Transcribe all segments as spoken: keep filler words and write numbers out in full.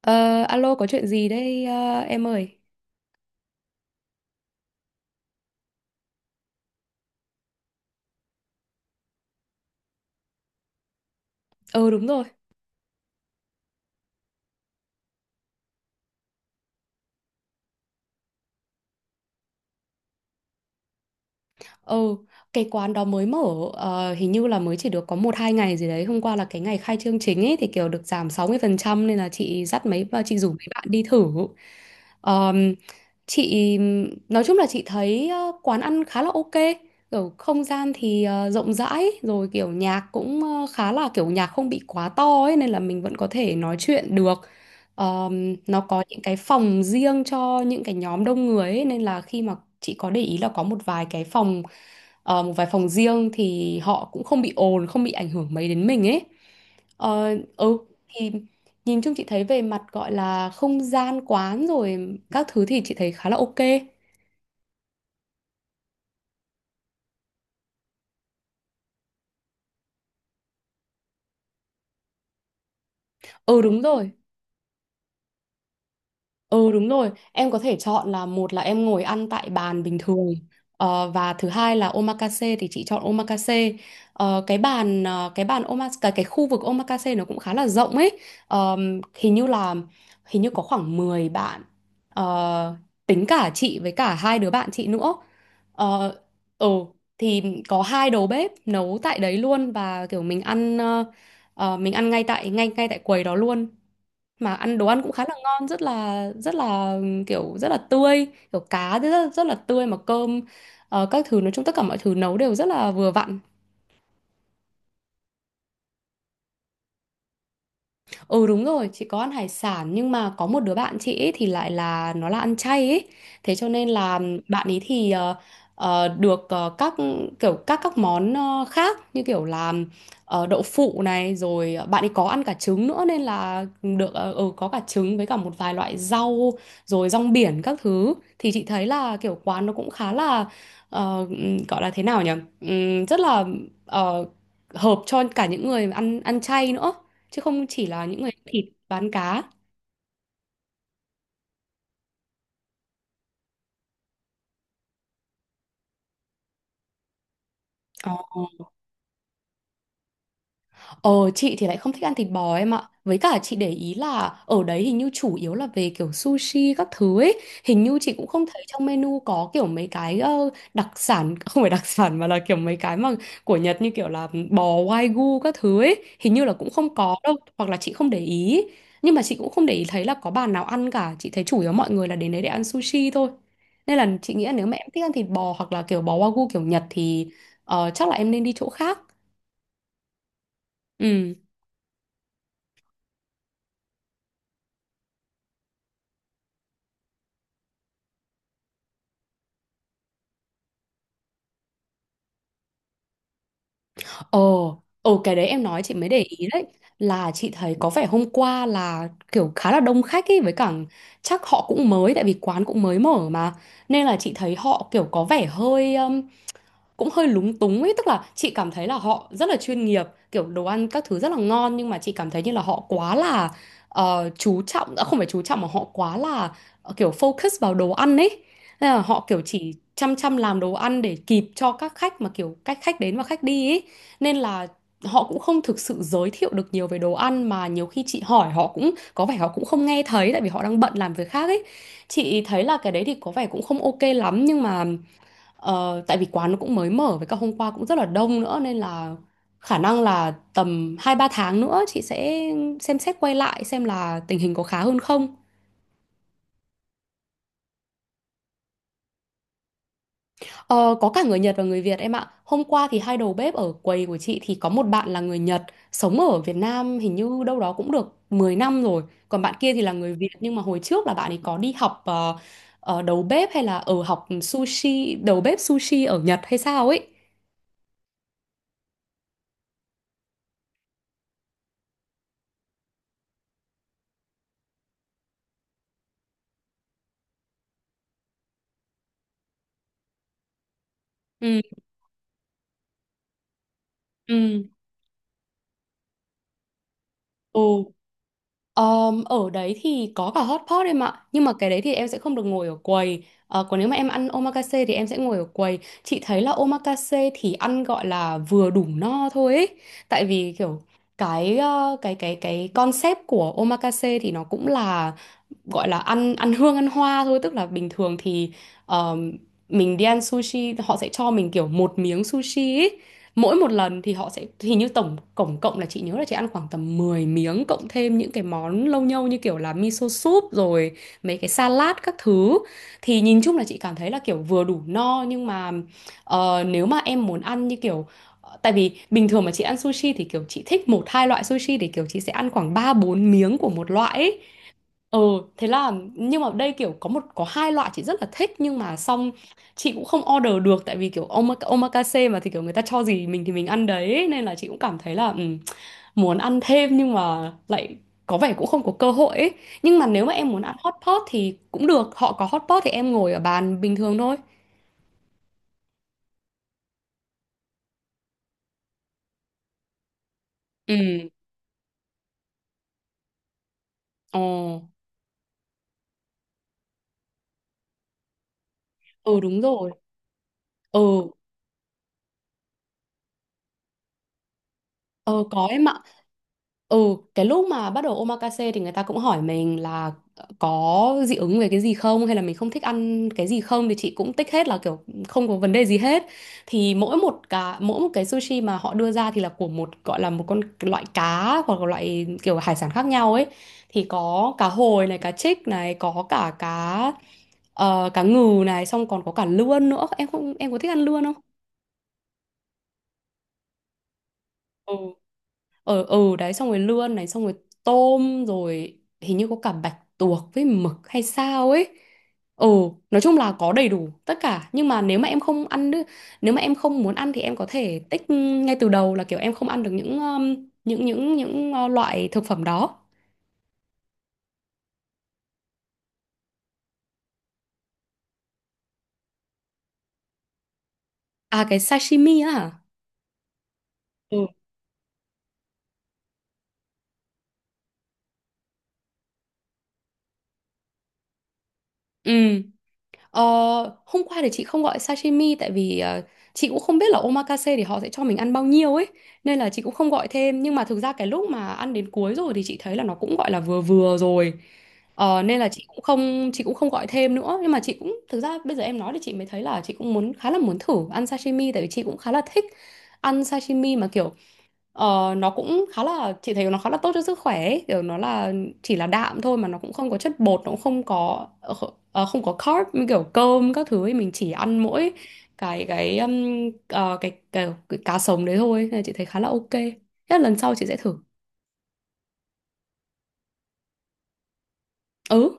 Ờ, Alo có chuyện gì đây ờ, em ơi? Ừ, đúng rồi. Ừ, cái quán đó mới mở, ờ, hình như là mới chỉ được có một hai ngày gì đấy. Hôm qua là cái ngày khai trương chính ấy thì kiểu được giảm sáu mươi phần trăm nên là chị dắt mấy và chị rủ mấy bạn đi thử. Ờm, chị nói chung là chị thấy ờ, quán ăn khá là ok. Kiểu không gian thì ờ, rộng rãi, rồi kiểu nhạc cũng ờ, khá là kiểu nhạc không bị quá to ấy, nên là mình vẫn có thể nói chuyện được. Ờm, nó có những cái phòng riêng cho những cái nhóm đông người ấy, nên là khi mà chị có để ý là có một vài cái phòng ờ, một vài phòng riêng thì họ cũng không bị ồn, không bị ảnh hưởng mấy đến mình ấy. Ờ, ừ thì nhìn chung chị thấy về mặt gọi là không gian quán rồi các thứ thì chị thấy khá là ok. ừ đúng rồi Ừ đúng rồi, em có thể chọn là, một là em ngồi ăn tại bàn bình thường, Ờ, và thứ hai là omakase, thì chị chọn omakase. Ờ, cái bàn ờ, cái bàn omakase, cái, cái khu vực omakase nó cũng khá là rộng ấy. Ờm, hình như là hình như có khoảng mười bạn, Ờ, tính cả chị với cả hai đứa bạn chị nữa. Ờ ừ thì có hai đầu bếp nấu tại đấy luôn, và kiểu mình ăn ờ, ờ, mình ăn ngay tại ngay ngay tại quầy đó luôn, mà ăn đồ ăn cũng khá là ngon, rất là rất là kiểu rất là tươi, kiểu cá thì rất, rất là tươi, mà cơm ờ, các thứ, nói chung tất cả mọi thứ nấu đều rất là vừa vặn. Ừ đúng rồi, chị có ăn hải sản, nhưng mà có một đứa bạn chị ấy thì lại là nó là ăn chay ấy. Thế cho nên là bạn ấy thì ờ, ờ, được ờ, các kiểu các các món ờ, khác, như kiểu là ờ, đậu phụ này, rồi ờ, bạn ấy có ăn cả trứng nữa, nên là được ờ, ừ, có cả trứng với cả một vài loại rau rồi rong biển các thứ. Thì chị thấy là kiểu quán nó cũng khá là, ờ, ừm, gọi là thế nào nhỉ? Ừm, rất là ờ, hợp cho cả những người ăn ăn chay nữa, chứ không chỉ là những người thịt bán cá. Ờ, chị thì lại không thích ăn thịt bò em ạ. Với cả chị để ý là ở đấy hình như chủ yếu là về kiểu sushi các thứ ấy. Hình như chị cũng không thấy trong menu có kiểu mấy cái ờ, đặc sản, không phải đặc sản, mà là kiểu mấy cái mà của Nhật, như kiểu là bò wagyu các thứ ấy. Hình như là cũng không có đâu, hoặc là chị không để ý. Nhưng mà chị cũng không để ý thấy là có bàn nào ăn cả. Chị thấy chủ yếu mọi người là đến đấy để ăn sushi thôi. Nên là chị nghĩ là nếu mà em thích ăn thịt bò, hoặc là kiểu bò wagyu kiểu Nhật, thì ờ, chắc là em nên đi chỗ khác. Ừ. Ồ, ồ cái đấy em nói chị mới để ý đấy, là chị thấy có vẻ hôm qua là kiểu khá là đông khách ấy, với cả chắc họ cũng mới, tại vì quán cũng mới mở mà, nên là chị thấy họ kiểu có vẻ hơi um, cũng hơi lúng túng ấy. Tức là chị cảm thấy là họ rất là chuyên nghiệp, kiểu đồ ăn các thứ rất là ngon, nhưng mà chị cảm thấy như là họ quá là ờ, chú trọng, à, không phải chú trọng, mà họ quá là ờ, kiểu focus vào đồ ăn ấy. Nên là họ kiểu chỉ chăm chăm làm đồ ăn để kịp cho các khách, mà kiểu cách khách đến và khách đi ấy, nên là họ cũng không thực sự giới thiệu được nhiều về đồ ăn, mà nhiều khi chị hỏi họ cũng có vẻ họ cũng không nghe thấy, tại vì họ đang bận làm việc khác ấy. Chị thấy là cái đấy thì có vẻ cũng không ok lắm, nhưng mà Ờ, tại vì quán nó cũng mới mở, với cả hôm qua cũng rất là đông nữa, nên là khả năng là tầm hai ba tháng nữa chị sẽ xem xét quay lại, xem là tình hình có khá hơn không. Ờ, có cả người Nhật và người Việt em ạ. Hôm qua thì hai đầu bếp ở quầy của chị thì có một bạn là người Nhật, sống ở Việt Nam hình như đâu đó cũng được mười năm rồi. Còn bạn kia thì là người Việt, nhưng mà hồi trước là bạn ấy có đi học ờ, ờ, đầu bếp, hay là ở học sushi, đầu bếp sushi ở Nhật hay sao ấy. Ừ, ừ, ừ. Ờm, ở đấy thì có cả hot pot em ạ. Nhưng mà cái đấy thì em sẽ không được ngồi ở quầy. Ờ, Còn nếu mà em ăn omakase thì em sẽ ngồi ở quầy. Chị thấy là omakase thì ăn gọi là vừa đủ no thôi ấy. Tại vì kiểu cái ờ, cái cái cái concept của omakase thì nó cũng là gọi là ăn ăn hương ăn hoa thôi, tức là bình thường thì ờm, mình đi ăn sushi họ sẽ cho mình kiểu một miếng sushi ấy. Mỗi một lần thì họ sẽ, hình như tổng tổng cộng là, chị nhớ là chị ăn khoảng tầm mười miếng, cộng thêm những cái món lâu nhâu như kiểu là miso soup rồi mấy cái salad các thứ. Thì nhìn chung là chị cảm thấy là kiểu vừa đủ no, nhưng mà ờ, nếu mà em muốn ăn như kiểu, tại vì bình thường mà chị ăn sushi thì kiểu chị thích một hai loại sushi, thì kiểu chị sẽ ăn khoảng ba bốn miếng của một loại ấy. Ừ, thế là, nhưng mà đây kiểu có một có hai loại chị rất là thích, nhưng mà xong chị cũng không order được, tại vì kiểu omaka- omakase mà thì kiểu người ta cho gì mình thì mình ăn đấy, nên là chị cũng cảm thấy là, ừ, muốn ăn thêm nhưng mà lại có vẻ cũng không có cơ hội ấy. Nhưng mà nếu mà em muốn ăn hot pot thì cũng được, họ có hot pot thì em ngồi ở bàn bình thường thôi. Ừ, ồ, ừ đúng rồi. Ừ, Ờ có em ạ. Ừ, cái lúc mà bắt đầu omakase thì người ta cũng hỏi mình là ờ, có dị ứng về cái gì không, hay là mình không thích ăn cái gì không, thì chị cũng tích hết là kiểu không có vấn đề gì hết. Thì mỗi một cá, mỗi một cái sushi mà họ đưa ra thì là của một, gọi là một con loại cá, hoặc là loại kiểu hải sản khác nhau ấy. Thì có cá hồi này, cá trích này, có cả cá ờ, cá ngừ này, xong còn có cả lươn nữa. Em không, em có thích ăn lươn không? ừ ở ừ đấy, xong rồi lươn này, xong rồi tôm, rồi hình như có cả bạch tuộc với mực hay sao ấy. Ừ, nói chung là có đầy đủ tất cả, nhưng mà nếu mà em không ăn đ-, nếu mà em không muốn ăn thì em có thể tích ngay từ đầu là kiểu em không ăn được những um, những những những uh, loại thực phẩm đó. À, cái sashimi á hả. Ừ, ừ. Ờ, Hôm qua thì chị không gọi sashimi, tại vì ờ, chị cũng không biết là omakase thì họ sẽ cho mình ăn bao nhiêu ấy, nên là chị cũng không gọi thêm. Nhưng mà thực ra cái lúc mà ăn đến cuối rồi thì chị thấy là nó cũng gọi là vừa vừa rồi. Ờ, nên là chị cũng không, chị cũng không gọi thêm nữa, nhưng mà chị cũng, thực ra bây giờ em nói thì chị mới thấy là chị cũng muốn, khá là muốn thử ăn sashimi, tại vì chị cũng khá là thích ăn sashimi mà kiểu. Ờ, nó cũng khá là Chị thấy nó khá là tốt cho sức khỏe ấy. Kiểu nó là chỉ là đạm thôi, mà nó cũng không có chất bột, nó cũng không có ờ, kh- ờ, không có carb như kiểu cơm các thứ ấy. Mình chỉ ăn mỗi cái cái um, ờ, cái, cái, cái cá sống đấy thôi, nên là chị thấy khá là ok. Thế là lần sau chị sẽ thử. Ừ.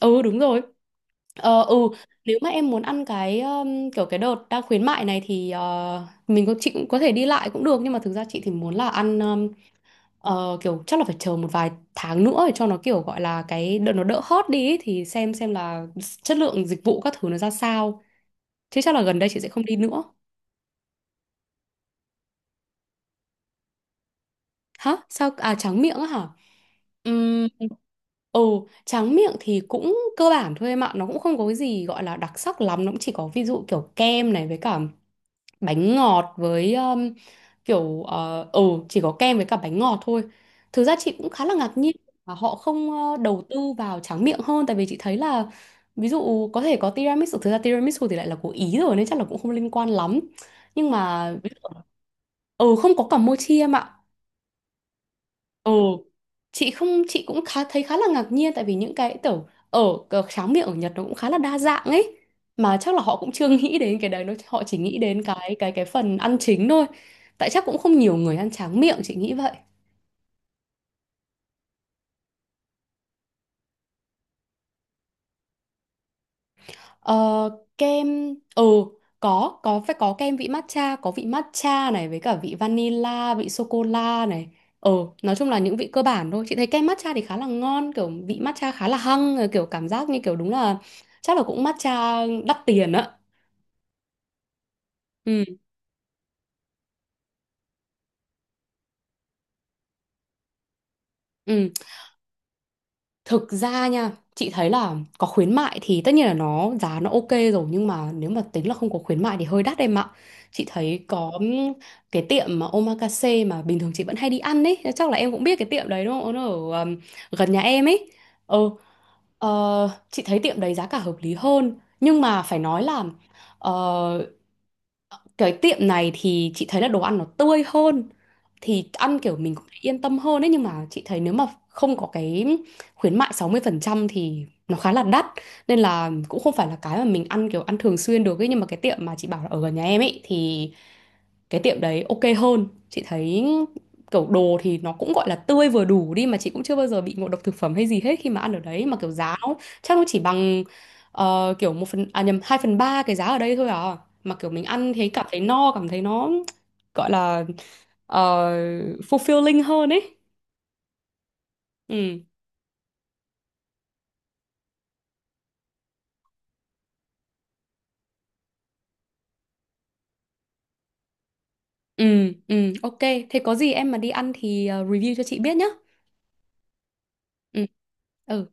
Ừ, đúng rồi. Ờ, ừ. Nếu mà em muốn ăn cái um, kiểu cái đợt đang khuyến mại này thì ờ, mình có chị cũng có thể đi lại cũng được, nhưng mà thực ra chị thì muốn là ăn. Ờ, kiểu chắc là phải chờ một vài tháng nữa để cho nó kiểu gọi là cái đợt nó đỡ hot đi ấy, thì xem xem là chất lượng dịch vụ các thứ nó ra sao, chứ chắc là gần đây chị sẽ không đi nữa. Hả? Sao à? Tráng miệng á hả? Ừm. Ừ, tráng miệng thì cũng cơ bản thôi em ạ, nó cũng không có cái gì gọi là đặc sắc lắm, nó cũng chỉ có ví dụ kiểu kem này với cả bánh ngọt với um, kiểu ờ, ừ, chỉ có kem với cả bánh ngọt thôi. Thực ra chị cũng khá là ngạc nhiên mà họ không ờ, đầu tư vào tráng miệng hơn. Tại vì chị thấy là ví dụ có thể có tiramisu, thực ra tiramisu thì lại là của Ý rồi nên chắc là cũng không liên quan lắm, nhưng mà ví dụ- ừ, không có cả mochi em ạ. Ồ, chị không chị cũng khá thấy khá là ngạc nhiên, tại vì những cái kiểu ở cờ- tráng miệng ở Nhật nó cũng khá là đa dạng ấy, mà chắc là họ cũng chưa nghĩ đến cái đấy, nó họ chỉ nghĩ đến cái cái cái phần ăn chính thôi, tại chắc cũng không nhiều người ăn tráng miệng, chị nghĩ vậy. Ờ, Kem, ừ, có có phải có kem vị matcha, có vị matcha này với cả vị vanilla, vị sô cô la này. Ừ, nói chung là những vị cơ bản thôi, chị thấy kem matcha thì khá là ngon, kiểu vị matcha khá là hăng, kiểu cảm giác như kiểu đúng là chắc là cũng matcha đắt tiền á. Ừ. Ừ. Thực ra nha, chị thấy là có khuyến mại thì tất nhiên là nó giá nó ok rồi, nhưng mà nếu mà tính là không có khuyến mại thì hơi đắt em ạ. Chị thấy có cái tiệm mà omakase mà bình thường chị vẫn hay đi ăn ấy, chắc là em cũng biết cái tiệm đấy đúng không? Nó ở um, gần nhà em ấy. Ừ, ờ, chị thấy tiệm đấy giá cả hợp lý hơn, nhưng mà phải nói là ờ, cái tiệm này thì chị thấy là đồ ăn nó tươi hơn, thì ăn kiểu mình cũng yên tâm hơn ấy. Nhưng mà chị thấy nếu mà không có cái khuyến mại sáu mươi phần trăm thì nó khá là đắt, nên là cũng không phải là cái mà mình ăn kiểu ăn thường xuyên được ấy. Nhưng mà cái tiệm mà chị bảo là ở gần nhà em ấy thì cái tiệm đấy ok hơn, chị thấy kiểu đồ thì nó cũng gọi là tươi vừa đủ đi, mà chị cũng chưa bao giờ bị ngộ độc thực phẩm hay gì hết khi mà ăn ở đấy, mà kiểu giá nó chắc nó chỉ bằng ờ, kiểu một phần à nhầm hai phần ba cái giá ở đây thôi à, mà kiểu mình ăn thấy cảm thấy no, cảm thấy nó gọi là ờ, fulfilling hơn ấy. Ừ. Ừ. Ừ, ok, thế có gì em mà đi ăn thì ờ, review cho chị biết nhá. Ừ. Ừ.